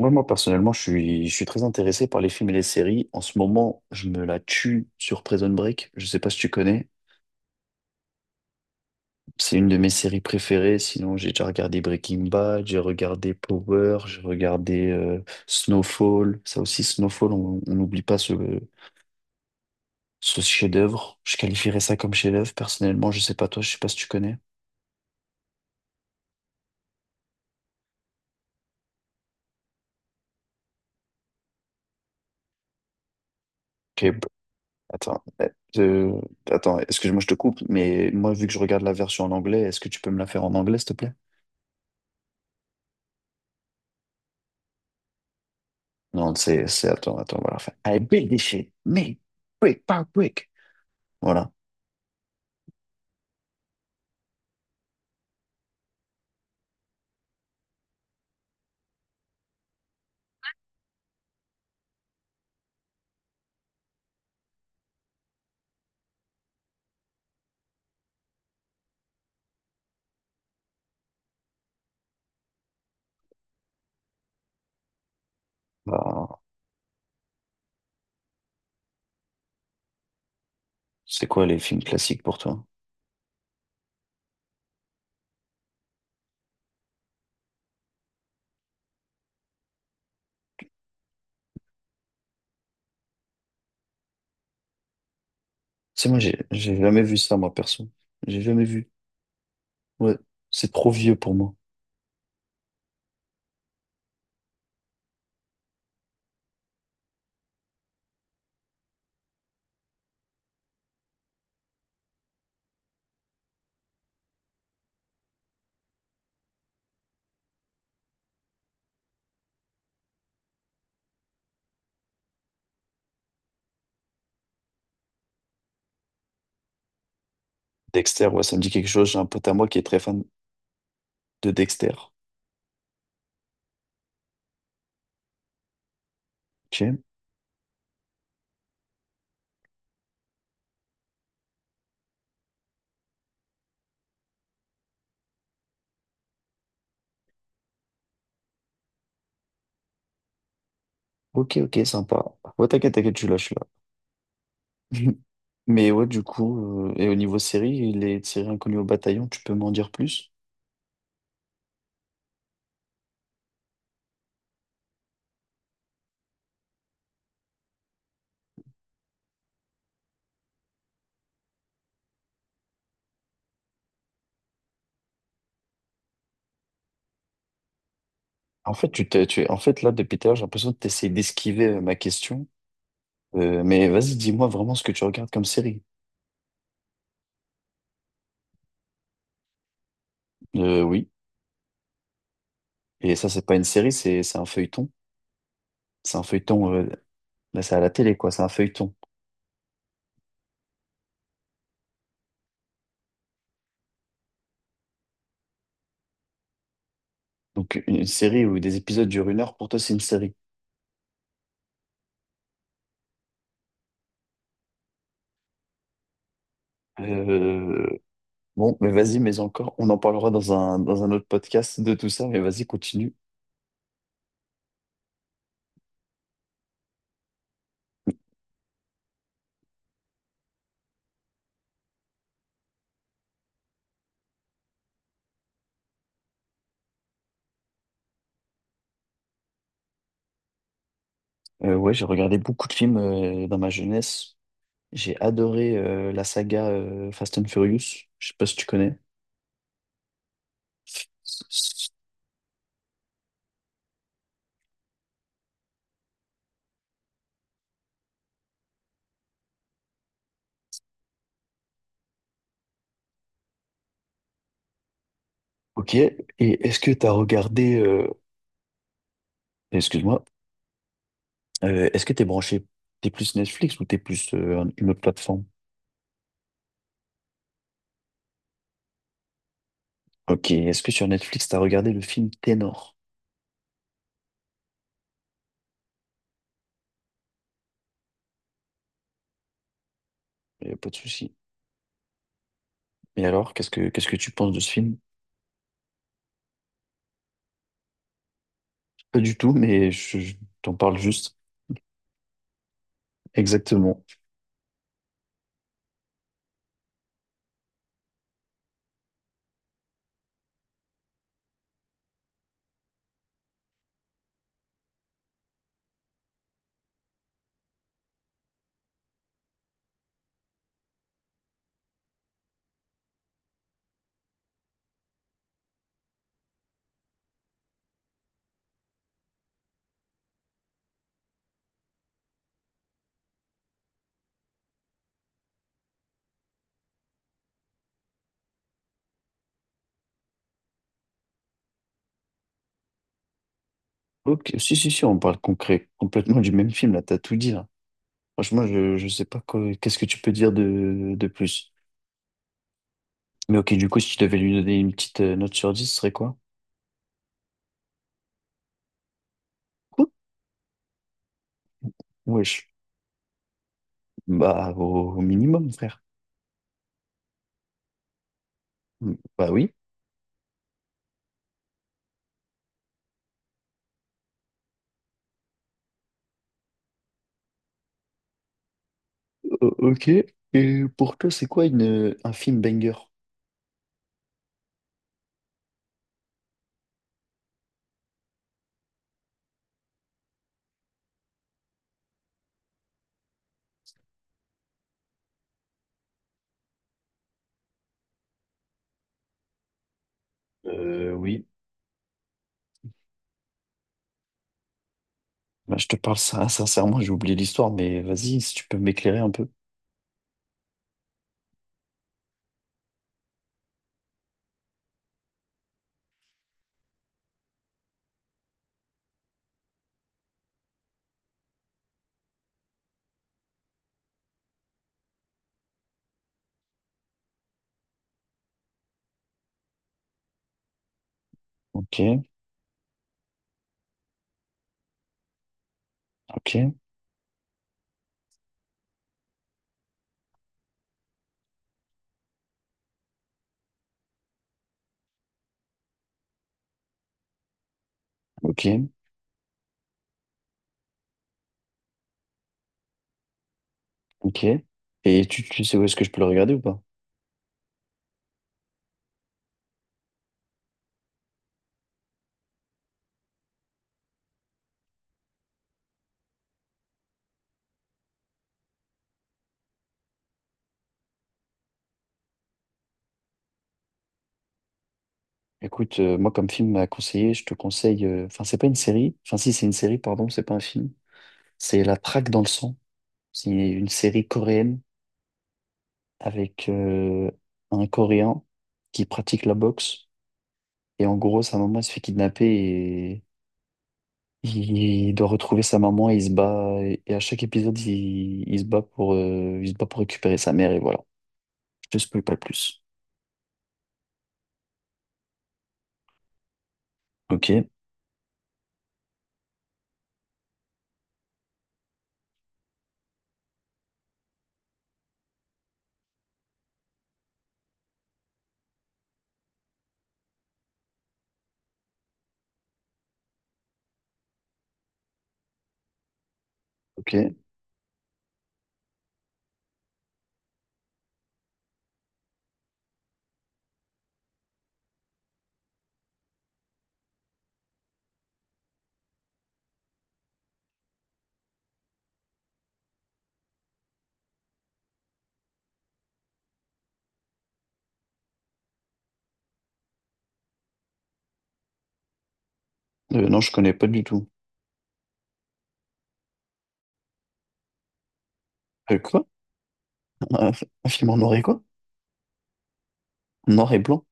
Ouais, moi, personnellement, je suis très intéressé par les films et les séries. En ce moment, je me la tue sur Prison Break. Je sais pas si tu connais. C'est une de mes séries préférées. Sinon, j'ai déjà regardé Breaking Bad, j'ai regardé Power, j'ai regardé Snowfall. Ça aussi, Snowfall, on n'oublie pas ce chef-d'œuvre. Je qualifierais ça comme chef-d'œuvre. Personnellement, je sais pas toi, je sais pas si tu connais. Ok, attends, euh, attends, excuse-moi, je te coupe, mais moi, vu que je regarde la version en anglais, est-ce que tu peux me la faire en anglais, s'il te plaît? Non, c'est, attends, on va la refaire. I build this shit, me, brick par brick. Voilà. Bah, c'est quoi les films classiques pour toi? C'est moi, j'ai jamais vu ça, moi, perso. J'ai jamais vu. Ouais, c'est trop vieux pour moi. Dexter, ouais, ça me dit quelque chose. J'ai un pote à moi qui est très fan de Dexter. Ok, ok, ok, sympa. Ouais, t'inquiète, je suis là. Mais ouais, du coup, et au niveau série, les séries inconnues au bataillon, tu peux m'en dire plus? En fait, tu es- en fait, là, depuis tout à l'heure, j'ai l'impression que tu d'esquiver ma question. Mais vas-y, dis-moi vraiment ce que tu regardes comme série. Oui, et ça, c'est pas une série, c'est un feuilleton. C'est un feuilleton, là, c'est à la télé, quoi, c'est un feuilleton. Donc, une série où des épisodes durent une heure, pour toi, c'est une série. Euh, bon, mais vas-y, mais encore, on en parlera dans dans un autre podcast de tout ça, mais vas-y, continue. Ouais, j'ai regardé beaucoup de films dans ma jeunesse. J'ai adoré la saga Fast and Furious. Je sais pas si tu connais. Ok, et est-ce que tu as regardé, excuse-moi. Est-ce que t'es branché, t'es plus Netflix ou t'es plus une autre plateforme? Ok, est-ce que sur Netflix, t'as regardé le film Ténor? Pas de souci. Et alors, qu'est-ce que tu penses de ce film? Pas du tout, mais je t'en parle juste. Exactement. Ok, si, on parle concret, complètement du même film, là, t'as tout dit, là. Franchement, je sais pas qu'est-ce que tu peux dire de plus. Mais ok, du coup, si tu devais lui donner une petite note sur dix, ce serait quoi? Quoi? Wesh. Bah, au minimum, frère. Mm, bah oui. Ok. Et pour toi, c'est quoi un film banger? Euh, oui, Bah, je te parle ça, sincèrement, j'ai oublié l'histoire, mais vas-y, si tu peux m'éclairer un peu. Ok, ok, ok, ok. Et tu sais où est-ce que je peux le regarder ou pas? Écoute, moi, comme film à conseiller, je te conseille. Enfin, c'est pas une série. Enfin, si, c'est une série, pardon, c'est pas un film. C'est La Traque dans le sang. C'est une série coréenne avec un Coréen qui pratique la boxe. Et en gros, sa maman elle se fait kidnapper. Il doit retrouver sa maman et il se bat. Et à chaque épisode, il se bat pour, il se bat pour récupérer sa mère et voilà. Je te spoil pas plus. Ok, ok. Non, je connais pas du tout. Quoi? Un, un film en noir et quoi? Noir et blanc?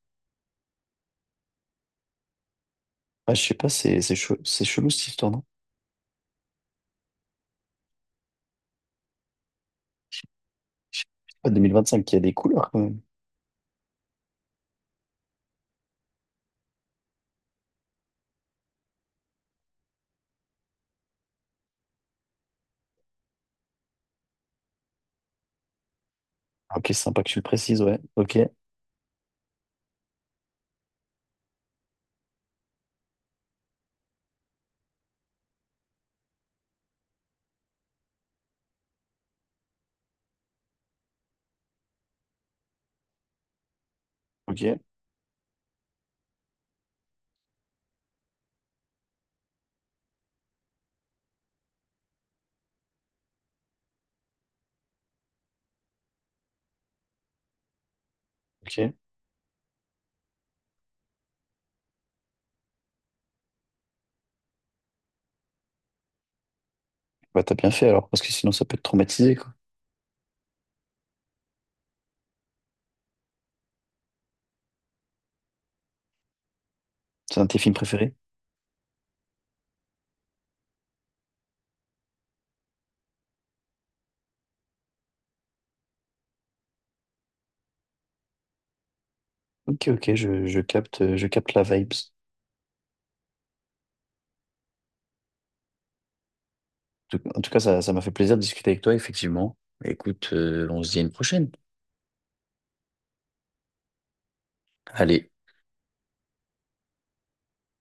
Ah, je sais pas, c'est c'est chelou cette histoire, non? Ah, 2025, il y a des couleurs quand même. Ah, ok, c'est sympa que tu le précises, ouais. Ok, ok, ok. Bah, t'as bien fait alors, parce que sinon ça peut te traumatiser, quoi. C'est un de tes films préférés? Ok, ok, je capte la vibes. En tout cas, ça m'a fait plaisir de discuter avec toi, effectivement. Écoute, on se dit à une prochaine. Allez.